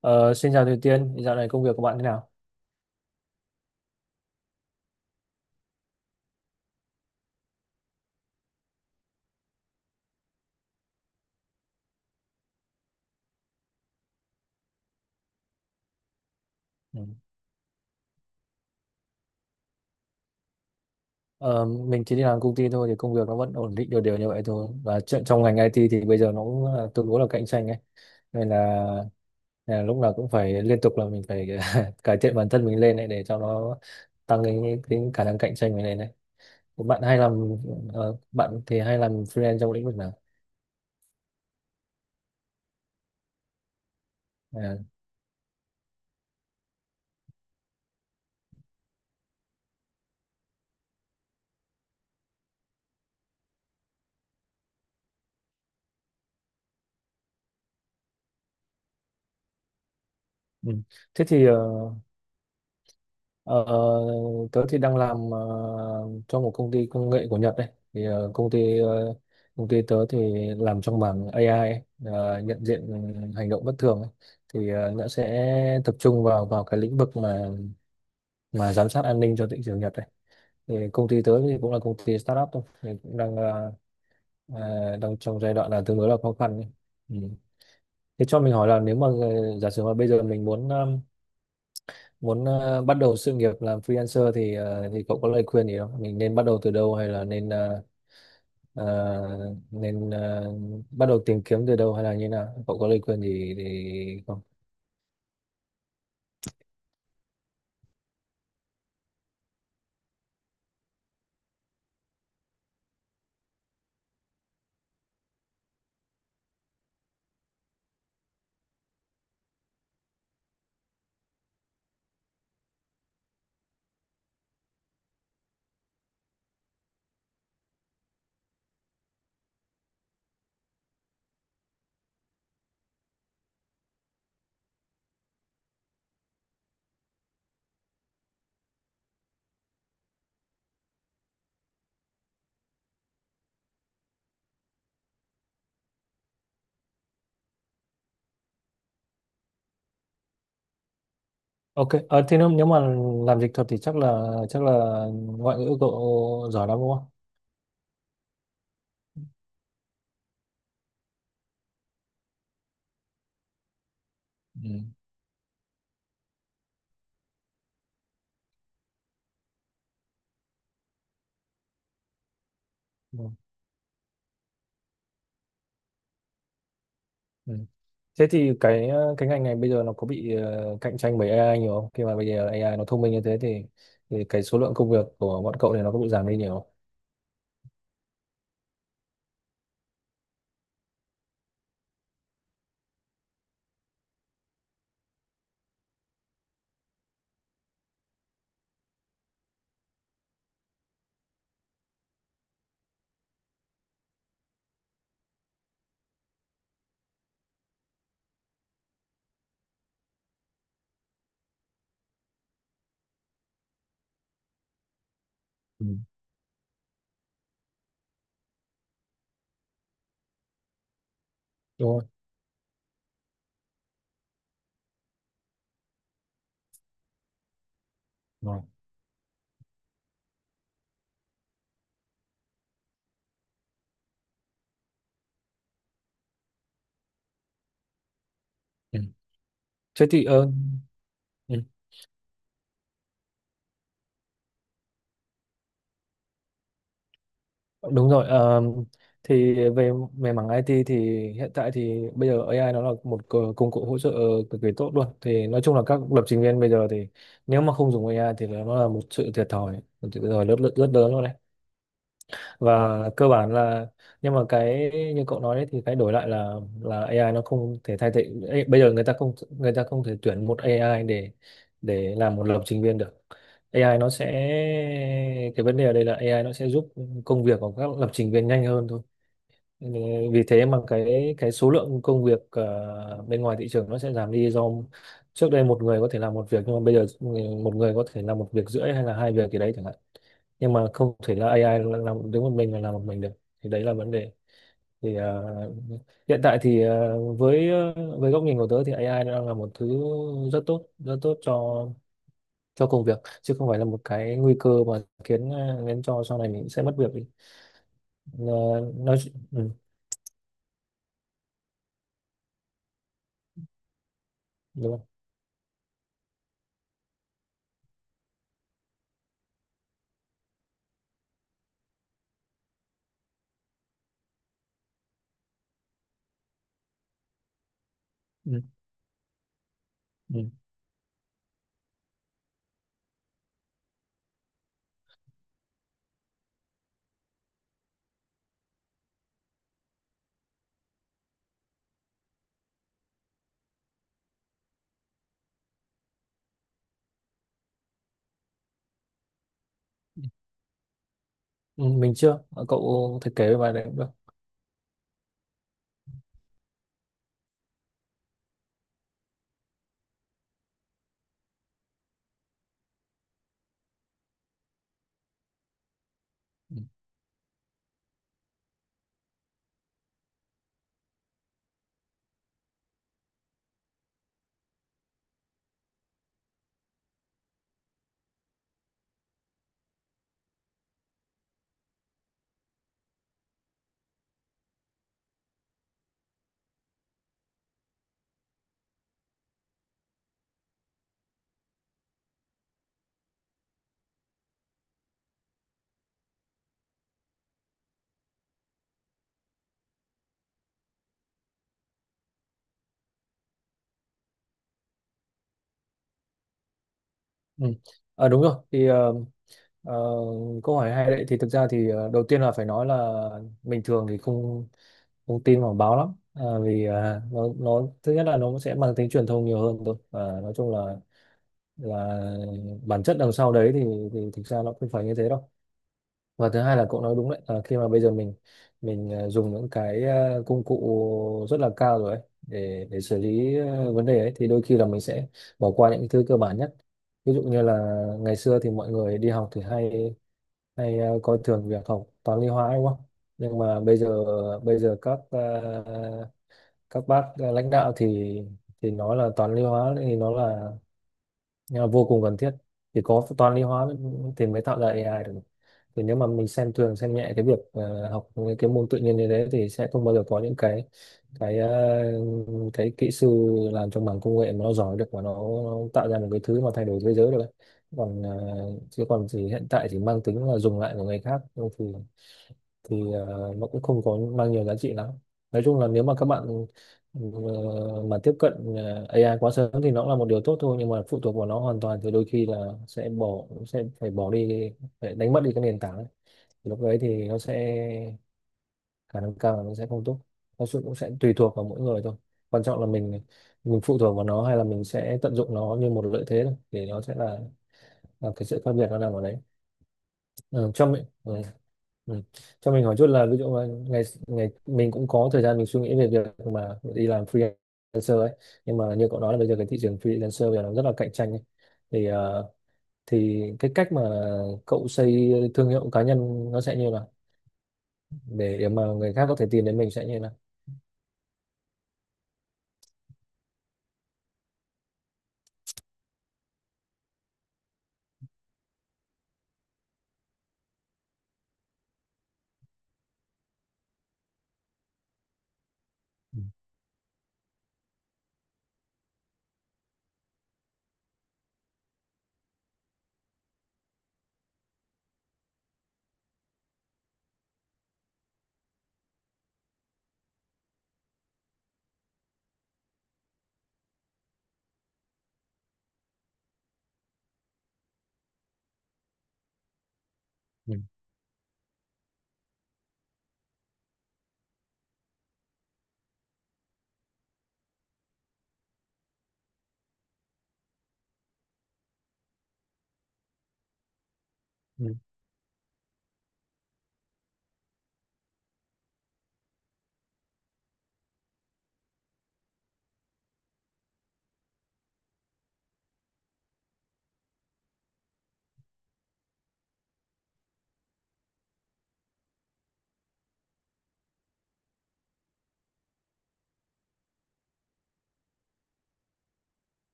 Ờ, Xin chào Thùy Tiên, dạo này công việc của bạn thế nào? Ừ. Ờ, mình chỉ đi làm công ty thôi thì công việc nó vẫn ổn định đều đều như vậy thôi, và chuyện trong ngành IT thì bây giờ nó cũng tương đối là cạnh tranh ấy, nên là, lúc nào cũng phải liên tục là mình phải cải thiện bản thân mình lên ấy, để cho nó tăng cái khả năng cạnh tranh mình lên đấy. Bạn hay làm Bạn thì hay làm freelance trong lĩnh vực nào? À, ừ. Thế thì ờ, Ờ, Tớ thì đang làm cho một công ty công nghệ của Nhật đấy. Thì ờ, công ty ờ, Công ty tớ thì làm trong mảng AI ấy, nhận diện hành động bất thường ấy. Nó sẽ tập trung vào vào cái lĩnh vực mà giám sát an ninh cho thị trường Nhật đấy. Thì công ty tớ thì cũng là công ty startup thôi, thì cũng đang ờ, ờ, đang trong giai đoạn là tương đối là khó khăn ấy. Ừ. Thế cho mình hỏi là nếu mà giả sử mà bây giờ mình muốn bắt đầu sự nghiệp làm freelancer thì cậu có lời khuyên gì không? Mình nên bắt đầu từ đâu, hay là nên ờ, ờ, nên ờ, bắt đầu tìm kiếm từ đâu, hay là như nào? Cậu có lời khuyên gì thì không? Ok, thế nếu mà làm dịch thuật thì chắc là ngoại ngữ cậu giỏi lắm đúng không? Ừ. Ừ. Ừ. Thế thì cái ngành này bây giờ nó có bị cạnh tranh bởi AI nhiều không? Khi mà bây giờ AI nó thông minh như thế thì cái số lượng công việc của bọn cậu này nó có bị giảm đi nhiều không? Ừ. Đúng không? Rồi. Thế thì ờ, ừ, Đúng rồi, thì về về mảng IT thì hiện tại thì bây giờ AI nó là một công cụ hỗ trợ cực kỳ tốt luôn, thì nói chung là các lập trình viên bây giờ thì nếu mà không dùng AI thì nó là một sự thiệt thòi rất rất, rất lớn luôn đấy. Và cơ bản là Nhưng mà cái như cậu nói đấy, thì cái đổi lại là AI nó không thể thay thế. Ê, bây giờ người ta không thể tuyển một AI để làm một lập trình viên được. AI nó sẽ, cái vấn đề ở đây là AI nó sẽ giúp công việc của các lập trình viên nhanh hơn thôi. Ừ, vì thế mà cái số lượng công việc bên ngoài thị trường nó sẽ giảm đi, do trước đây một người có thể làm một việc, nhưng mà bây giờ một người có thể làm một việc rưỡi hay là hai việc gì đấy chẳng hạn. Nhưng mà không thể là AI làm đứng một mình mà làm một mình được, thì đấy là vấn đề. Thì hiện tại thì với góc nhìn của tớ thì AI nó đang là một thứ rất tốt, rất tốt cho, công việc, chứ không phải là một cái nguy cơ mà khiến cho sau này mình sẽ mất việc đi. Ờ, nói ừ, Đúng không? Ừ, ừ. Ừ. Ừ, mình chưa. Ờ, Cậu thiết kế về bài này cũng được. Ừ. Ừ. Đúng rồi thì ờ, câu hỏi hay đấy. Thì thực ra thì đầu tiên là phải nói là bình thường thì không không tin vào báo lắm. Ờ, Vì nó thứ nhất là nó sẽ mang tính truyền thông nhiều hơn thôi, và nói chung là là bản chất đằng sau đấy thì thực ra nó không phải như thế đâu. Và thứ hai là cậu nói đúng đấy. Ờ, Khi mà bây giờ mình dùng những cái công cụ rất là cao rồi ấy, để xử lý vấn đề ấy thì đôi khi là mình sẽ bỏ qua những cái thứ cơ bản nhất. Ví dụ như là ngày xưa thì mọi người đi học thì hay hay ờ, coi thường việc học toán lý hóa đúng không. Nhưng mà bây giờ các bác lãnh đạo thì nói là toán lý hóa thì nó là vô cùng cần thiết. Thì có toán lý hóa thì mới tạo ra AI được. Thì nếu mà mình xem thường xem nhẹ cái việc học những cái môn tự nhiên như thế thì sẽ không bao giờ có những cái ờ, cái kỹ sư làm trong mảng công nghệ mà nó giỏi được, và nó tạo ra một cái thứ mà thay đổi thế giới được ấy. còn ờ, Chứ còn thì hiện tại chỉ mang tính là dùng lại của người khác thôi, thì nó cũng không có mang nhiều giá trị lắm. Nói chung là nếu mà các bạn ờ, mà tiếp cận AI quá sớm thì nó là một điều tốt thôi, nhưng mà phụ thuộc vào nó hoàn toàn thì đôi khi là sẽ phải bỏ đi, phải đánh mất đi cái nền tảng ấy, lúc đấy thì nó sẽ khả năng cao là nó sẽ không tốt. Cũng sẽ tùy thuộc vào mỗi người thôi, quan trọng là mình phụ thuộc vào nó hay là mình sẽ tận dụng nó như một lợi thế thôi, thì nó sẽ là, cái sự khác biệt nó nằm ở đấy. Ừ, cho mình ừ, ừ. Cho mình hỏi chút là, ví dụ mà ngày ngày mình cũng có thời gian mình suy nghĩ về việc mà đi làm freelancer ấy, nhưng mà như cậu nói là bây giờ cái thị trường freelancer bây giờ nó rất là cạnh tranh ấy. Thì cái cách mà cậu xây thương hiệu cá nhân nó sẽ như nào, để mà người khác có thể tìm đến mình sẽ như thế nào? Ừ. Ừ. Ừ.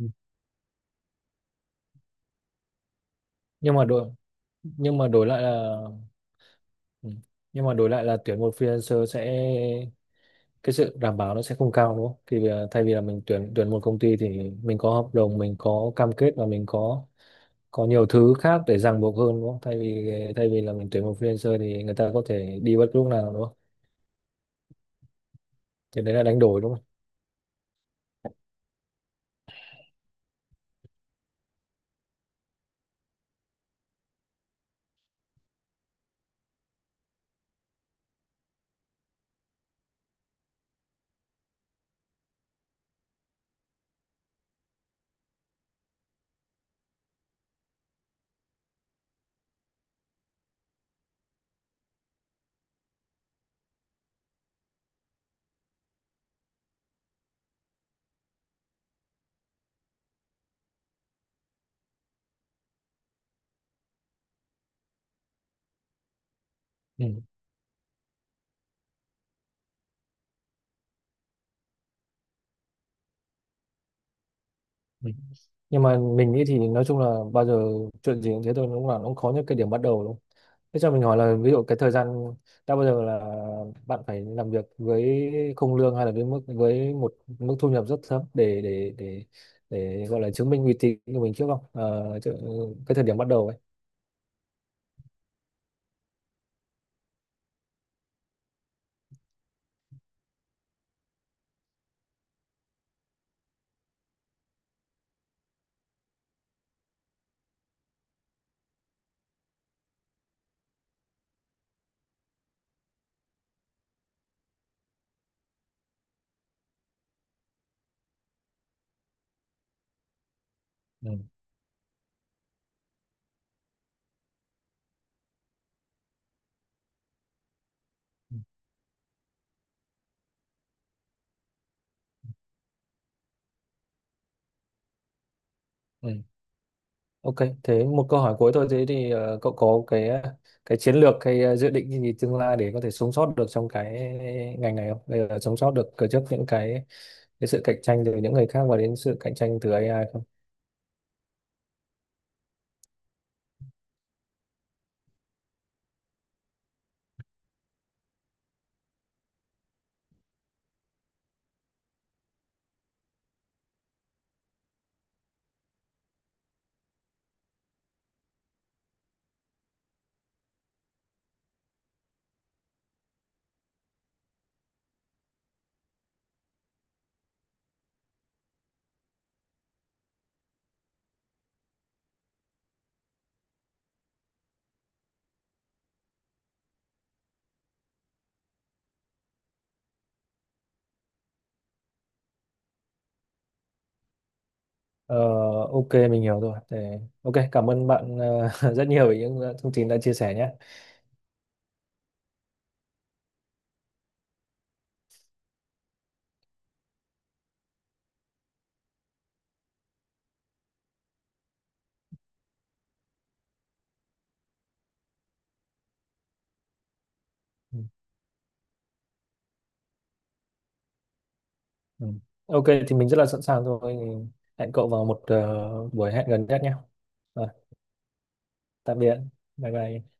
Ừ. nhưng mà đổi nhưng mà đổi lại là. Ừ. Nhưng mà đổi lại là tuyển một freelancer sẽ, cái sự đảm bảo nó sẽ không cao đúng không? Thì bây giờ thay vì là mình tuyển, một công ty thì mình có hợp đồng, mình có cam kết và mình có nhiều thứ khác để ràng buộc hơn đúng không, thay vì, là mình tuyển một freelancer thì người ta có thể đi bất cứ lúc nào đúng không? Thì đấy là đánh đổi đúng không? Ừ. Ừ. Nhưng mà mình nghĩ thì nói chung là bao giờ chuyện gì cũng thế thôi, đúng là nó cũng có những cái điểm bắt đầu đúng không? Thế cho mình hỏi là, ví dụ cái thời gian, đã bao giờ là bạn phải làm việc với không lương hay là với mức, một mức thu nhập rất thấp để gọi là chứng minh uy tín của mình trước không? Cái thời điểm bắt đầu ấy. Ừ. Ừ. Ừ. Ok, thế một câu hỏi cuối thôi. Thế thì cậu có cái chiến lược, dự định gì tương lai để có thể sống sót được trong cái ngành này không? Bây giờ sống sót được trước những cái sự cạnh tranh từ những người khác và đến sự cạnh tranh từ AI không? Ờ, ok, mình hiểu rồi. Ok, cảm ơn bạn rất nhiều về những thông tin đã chia sẻ nhé. Ừ. Ừ. Ok, thì mình rất là sẵn sàng rồi. Hẹn cậu vào một buổi hẹn gần nhất nhé. Rồi, tạm biệt. Bye bye.